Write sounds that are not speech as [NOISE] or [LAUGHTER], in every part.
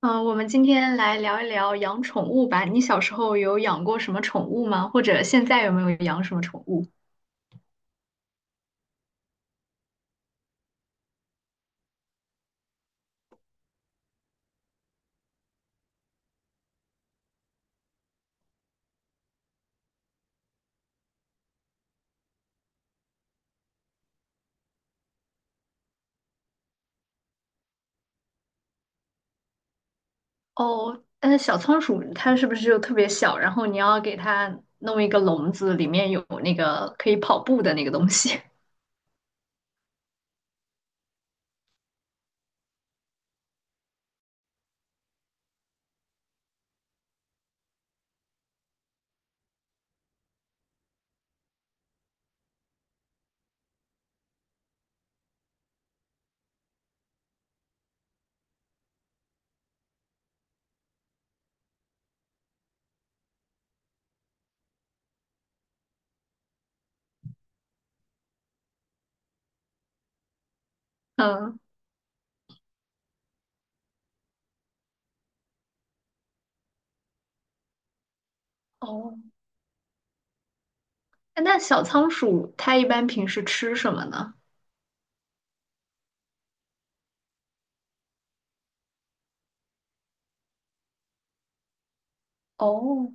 嗯，我们今天来聊一聊养宠物吧。你小时候有养过什么宠物吗？或者现在有没有养什么宠物？哦，那小仓鼠它是不是就特别小？然后你要给它弄一个笼子，里面有那个可以跑步的那个东西。[LAUGHS] 嗯，哦，哎那小仓鼠它一般平时吃什么呢？哦，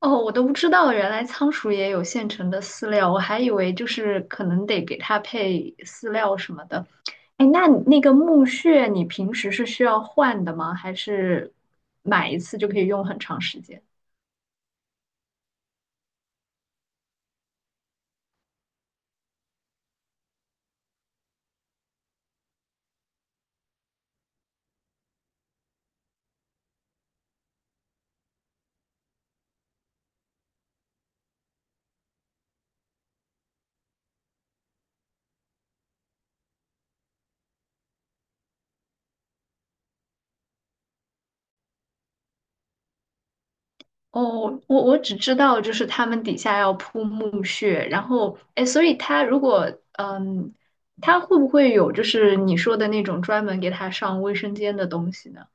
哦，我都不知道，原来仓鼠也有现成的饲料，我还以为就是可能得给它配饲料什么的。哎，那你那个木屑你平时是需要换的吗？还是买一次就可以用很长时间？哦，我只知道就是它们底下要铺木屑，然后哎，所以它如果嗯，它会不会有就是你说的那种专门给它上卫生间的东西呢？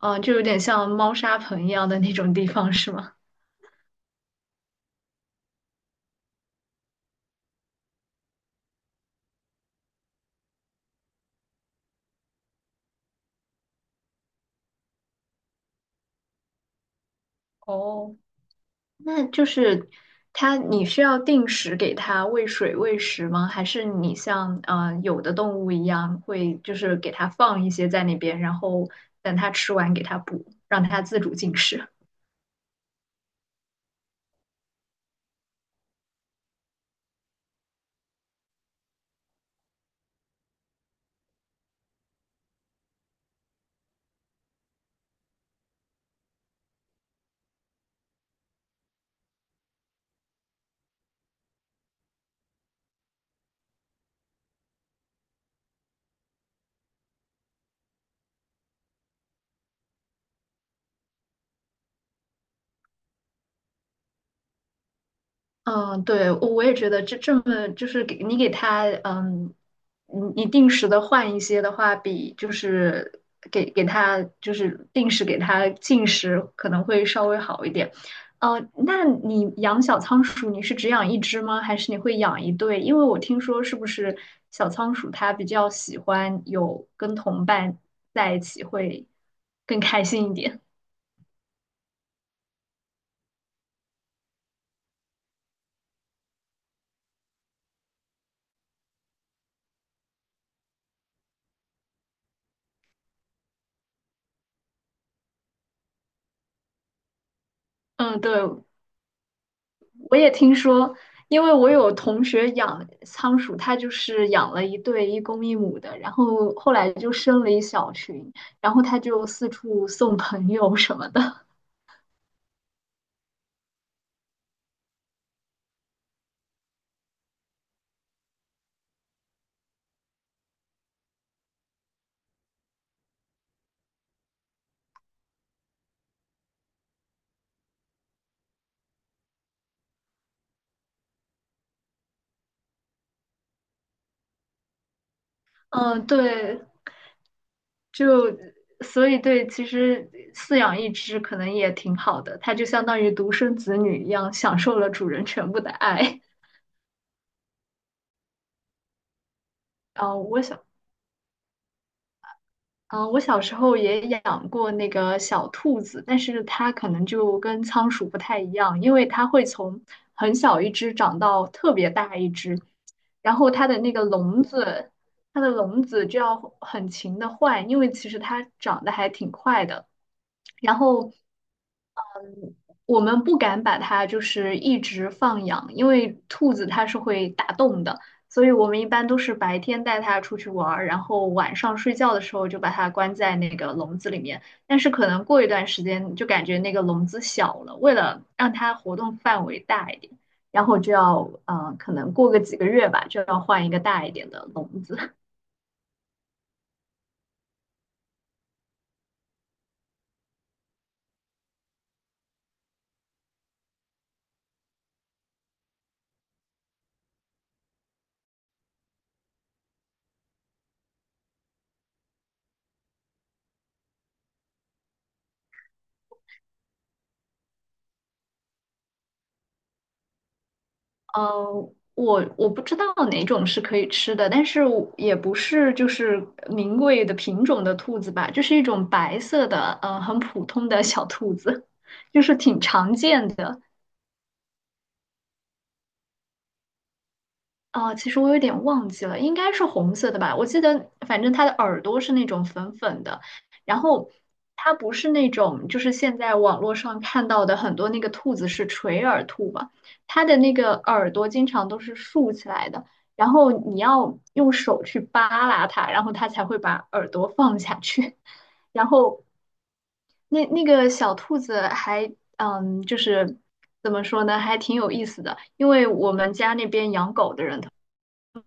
嗯，就有点像猫砂盆一样的那种地方是吗？哦。那就是它，你需要定时给它喂水喂食吗？还是你像有的动物一样，会就是给它放一些在那边，然后等它吃完给它补，让它自主进食？嗯，对，我也觉得这么就是给你给他，嗯，你定时的换一些的话，比就是给给他就是定时给他进食可能会稍微好一点。那你养小仓鼠，你是只养一只吗？还是你会养一对？因为我听说是不是小仓鼠它比较喜欢有跟同伴在一起会更开心一点？[LAUGHS] 嗯，对，我也听说，因为我有同学养仓鼠，他就是养了一对一公一母的，然后后来就生了一小群，然后他就四处送朋友什么的。嗯，对，就所以对，其实饲养一只可能也挺好的，它就相当于独生子女一样，享受了主人全部的爱。[LAUGHS] 啊，我想嗯，我小时候也养过那个小兔子，但是它可能就跟仓鼠不太一样，因为它会从很小一只长到特别大一只，然后它的那个笼子，它的笼子就要很勤的换，因为其实它长得还挺快的。然后，嗯，我们不敢把它就是一直放养，因为兔子它是会打洞的，所以我们一般都是白天带它出去玩儿，然后晚上睡觉的时候就把它关在那个笼子里面。但是可能过一段时间就感觉那个笼子小了，为了让它活动范围大一点，然后就要可能过个几个月吧，就要换一个大一点的笼子。我不知道哪种是可以吃的，但是我也不是就是名贵的品种的兔子吧，就是一种白色的，很普通的小兔子，[LAUGHS] 就是挺常见的。哦，其实我有点忘记了，应该是红色的吧？我记得，反正它的耳朵是那种粉粉的，然后它不是那种，就是现在网络上看到的很多那个兔子是垂耳兔嘛，它的那个耳朵经常都是竖起来的，然后你要用手去扒拉它，然后它才会把耳朵放下去。[LAUGHS] 然后那个小兔子还嗯，就是怎么说呢，还挺有意思的。因为我们家那边养狗的人特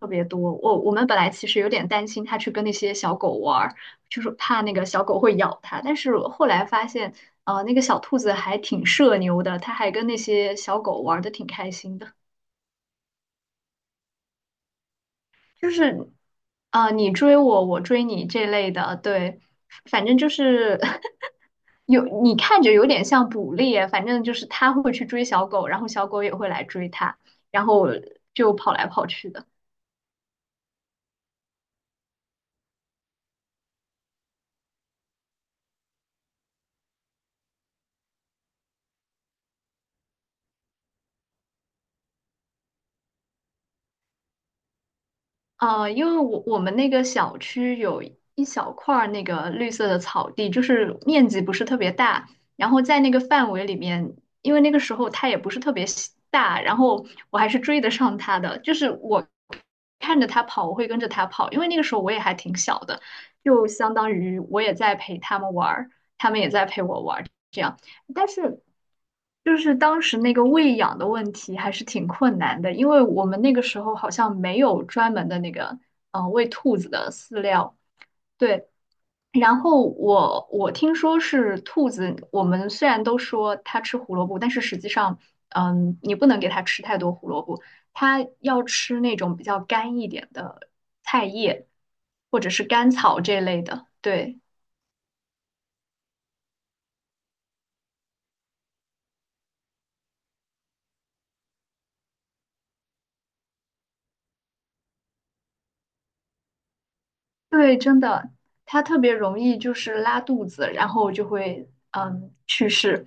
别多。我们本来其实有点担心它去跟那些小狗玩儿，就是怕那个小狗会咬它。但是后来发现，那个小兔子还挺社牛的，它还跟那些小狗玩的挺开心的。就是，啊，你追我，我追你这类的，对，反正就是 [LAUGHS] 有你看着有点像捕猎，反正就是它会去追小狗，然后小狗也会来追它，然后就跑来跑去的。因为我们那个小区有一小块儿那个绿色的草地，就是面积不是特别大，然后在那个范围里面，因为那个时候它也不是特别喜大，然后我还是追得上它的，就是我看着他跑，我会跟着他跑，因为那个时候我也还挺小的，就相当于我也在陪他们玩儿，他们也在陪我玩儿。但是就是当时那个喂养的问题还是挺困难的，因为我们那个时候好像没有专门的那个喂兔子的饲料，对。然后我我听说是兔子，我们虽然都说它吃胡萝卜，但是实际上，嗯，你不能给它吃太多胡萝卜，它要吃那种比较干一点的菜叶或者是甘草这类的，对。对，真的，它特别容易就是拉肚子，然后就会嗯去世。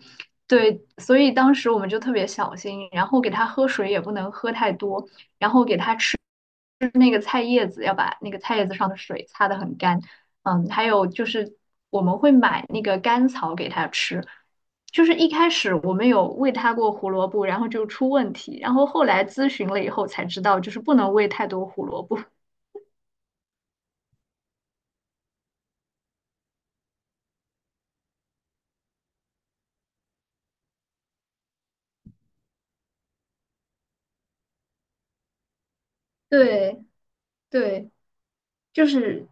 对，所以当时我们就特别小心，然后给它喝水也不能喝太多，就是那个菜叶子要把那个菜叶子上的水擦得很干。嗯，还有就是我们会买那个甘草给它吃，就是一开始我们有喂它过胡萝卜，然后就出问题，然后后来咨询了以后才知道，就是不能喂太多胡萝卜。[LAUGHS] 对对。就是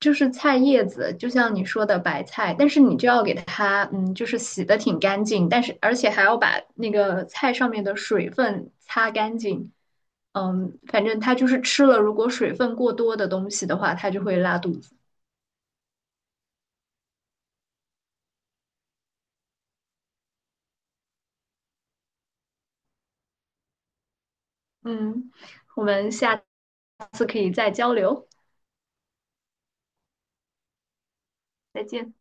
菜叶子，就像你说的白菜，但是你就要给它，嗯，就是洗的挺干净，但是而且还要把那个菜上面的水分擦干净。嗯，反正它就是吃了，如果水分过多的东西的话，它就会拉肚子。嗯，我们下次可以再交流，再见。